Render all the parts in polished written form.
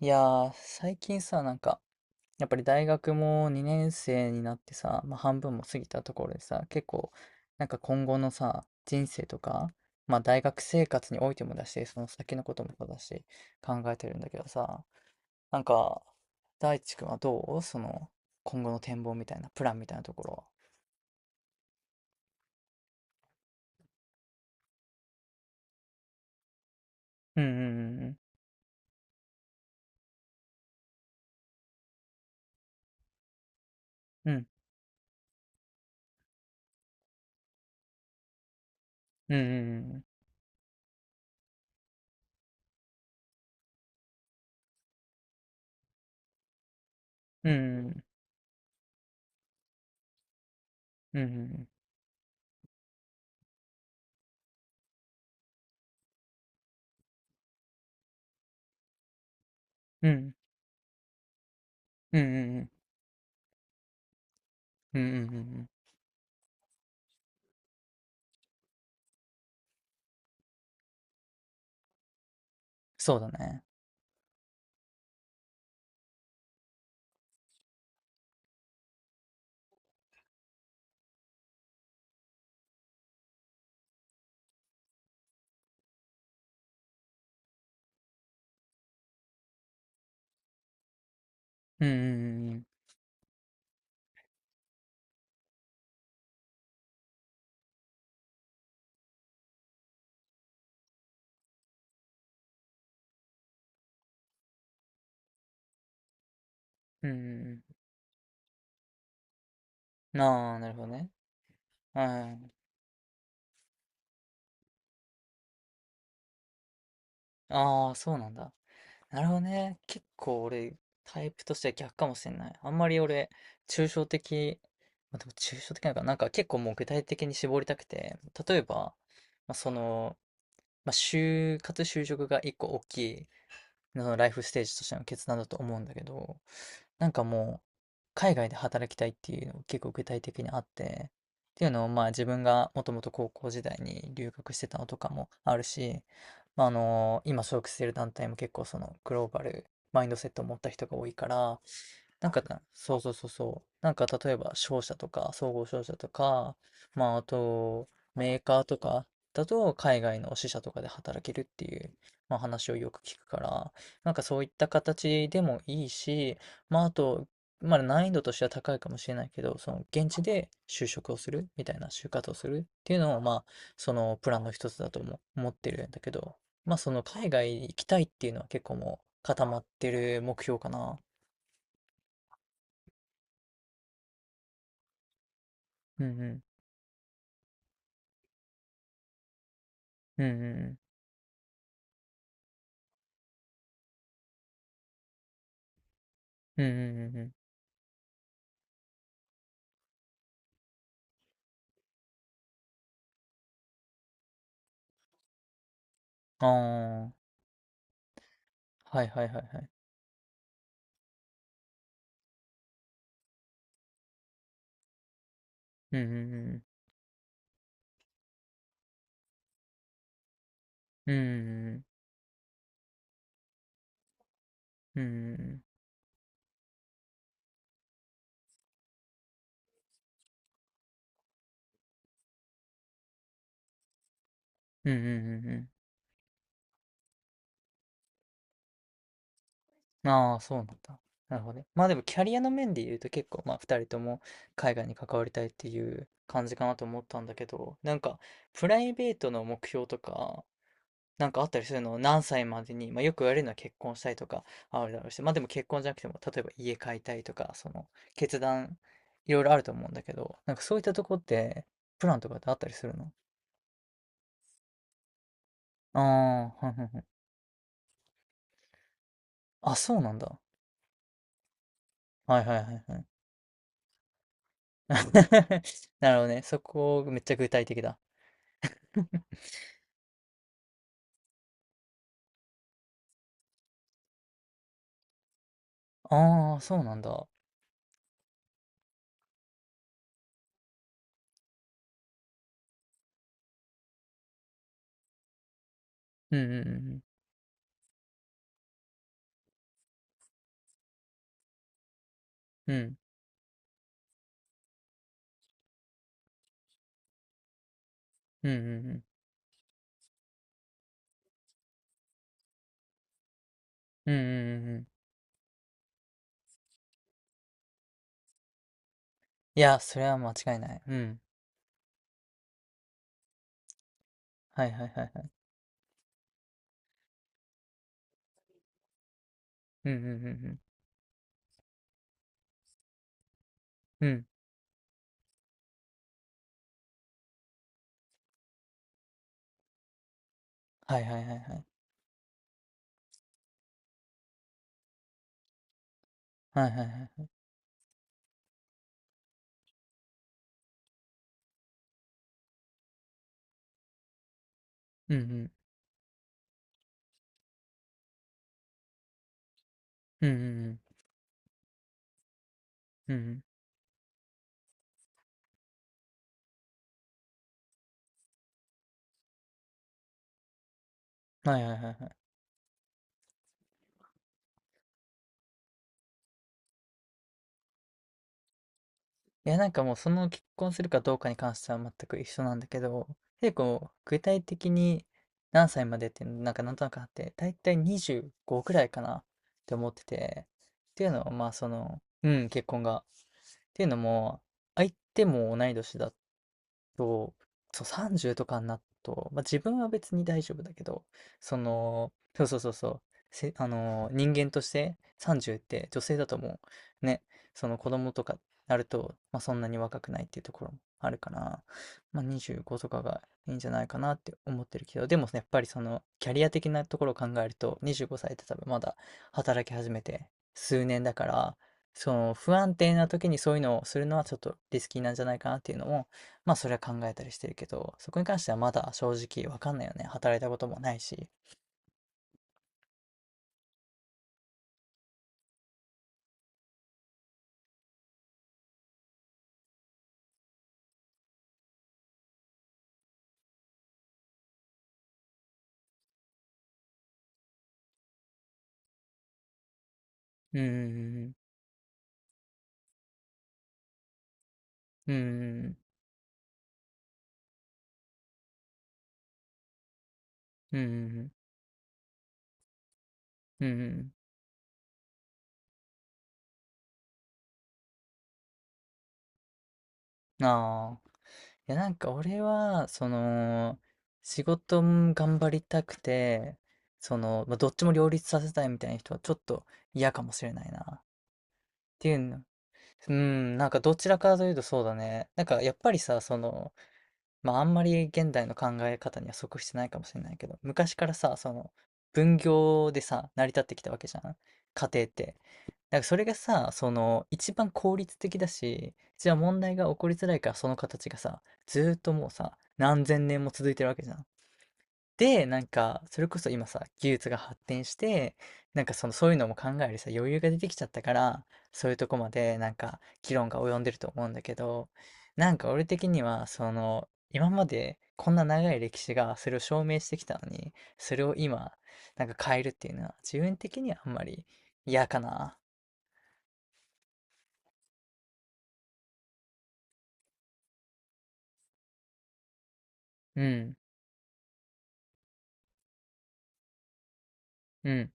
いやー、最近さ、なんか、やっぱり大学も2年生になってさ、まあ、半分も過ぎたところでさ、結構、なんか今後のさ、人生とか、まあ、大学生活においてもだし、その先のこともそうだし、考えてるんだけどさ、なんか、大地君はどうその、今後の展望みたいな、プランみたいなところ。うんうんうんうんうんうんうんうんうんうんうんうんうんうんうんうんうんうんうん。そうだね。うんうんうんうんうんうん。ああ、なるほどね。うん。ああ、そうなんだ。なるほどね。結構俺、タイプとしては逆かもしれない。あんまり俺、抽象的、まあ、でも抽象的なのかな、なんか結構もう具体的に絞りたくて、例えば、まあ、その、まあ、就活就職が一個大きいのライフステージとしての決断だと思うんだけど、なんかもう、海外で働きたいっていうのが結構具体的にあって、っていうのをまあ自分がもともと高校時代に留学してたのとかもあるし、まあ、あの今所属している団体も結構そのグローバルマインドセットを持った人が多いから、なんかな、そうそうそうそう。なんか例えば商社とか、総合商社とか、まああとメーカーとかだと海外の支社とかで働けるっていう、まあ、話をよく聞くから、なんかそういった形でもいいし、まあ、あと、まあ、難易度としては高いかもしれないけど、その現地で就職をするみたいな、就活をするっていうのを、まあ、そのプランの一つだとも思ってるんだけど、まあ、その海外行きたいっていうのは結構もう固まってる目標かな。うんうん。うんうんうん。うんうんうんうん。ああ。はいはいはいはい。うんうんうん。うんうんうん。うんうんうん。うんうんうんうん。ああ、そうなんだ。なるほどね。まあでもキャリアの面で言うと結構まあ2人とも海外に関わりたいっていう感じかなと思ったんだけど、なんかプライベートの目標とか、なんかあったりするの何歳までに、まあよく言われるのは結婚したいとかあるだろうし、まあでも結婚じゃなくても、例えば家買いたいとか、その決断、いろいろあると思うんだけど、なんかそういったとこってプランとかってあったりするの？ああー、はいはいはい。あ、そうなんだ。はいはいはいはい。なるほどね。そこめっちゃ具体的だ。ああ、そうなんだ。うんうんうんうん。うんうんうんうん。うんうんうんうん。いや、それは間違いない。うん。はいはいはいはい。うんうんうんうん。うん。はいはいはいはい。はいはいはいはい。うんうん。うんうんうん。うんうんうん。はいはいはいはい。いや、なんかもうその結婚するかどうかに関しては全く一緒なんだけど、結構具体的に何歳までってなんかなんとなくあって、だいたい25くらいかなって思ってて、っていうのはまあその、うん、結婚がっていうのも、相手も同い年だっ、そう、そう30とかになると、まあ、自分は別に大丈夫だけど、その、そうそうそうそう、せ、人間として30って女性だともう、ね、その子供とかなると、まあ、そんなに若くないっていうところもあるから、まあ、25とかがいいんじゃないかなって思ってるけど、でもやっぱりそのキャリア的なところを考えると、25歳って多分まだ働き始めて数年だから、その不安定な時にそういうのをするのはちょっとリスキーなんじゃないかなっていうのもまあそれは考えたりしてるけど、そこに関してはまだ正直わかんないよね。働いたこともないし。うん、うん、うん、うん、うん、うん。うんああ。いやなんか俺は、その、仕事も頑張りたくて、その、まあ、どっちも両立させたいみたいな人はちょっと嫌かもしれないな。っていうの。うん、なんかどちらかというとそうだね。なんかやっぱりさ、その、まあ、あんまり現代の考え方には即してないかもしれないけど、昔からさ、その分業でさ、成り立ってきたわけじゃん、家庭って。だからそれがさ、その一番効率的だし、一番問題が起こりづらいからその形がさ、ずーっともうさ、何千年も続いてるわけじゃん。でなんかそれこそ今さ技術が発展してなんかそのそういうのも考えるさ余裕が出てきちゃったからそういうとこまでなんか議論が及んでると思うんだけど、なんか俺的にはその今までこんな長い歴史がそれを証明してきたのにそれを今なんか変えるっていうのは自分的にはあんまり、いやかな。うんうん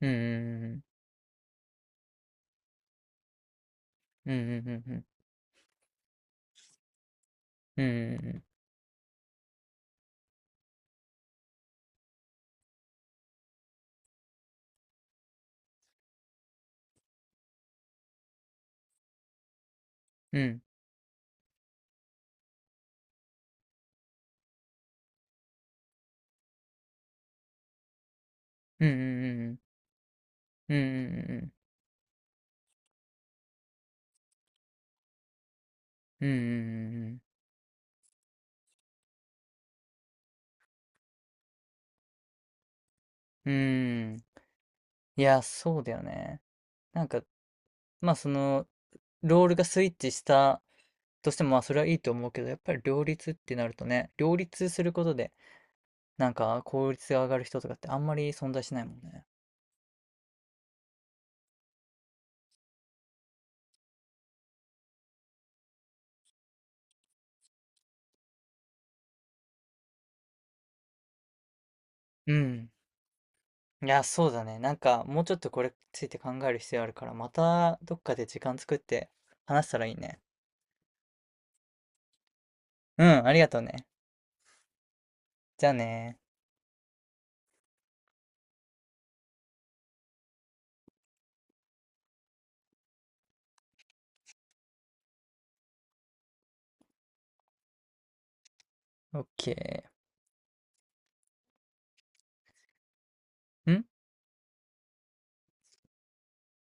うんうんうんうんうんうんうんうんうんうんうんうんうんうんうんうんうん。いや、そうだよね。なんか、まあその、ロールがスイッチしたとしても、まあそれはいいと思うけど、やっぱり両立ってなるとね、両立することで、なんか効率が上がる人とかってあんまり存在しないもんね。うん。いや、そうだね。なんか、もうちょっとこれについて考える必要あるから、またどっかで時間作って話したらいいね。うん、ありがとうね。じゃあね。オッケー。ん。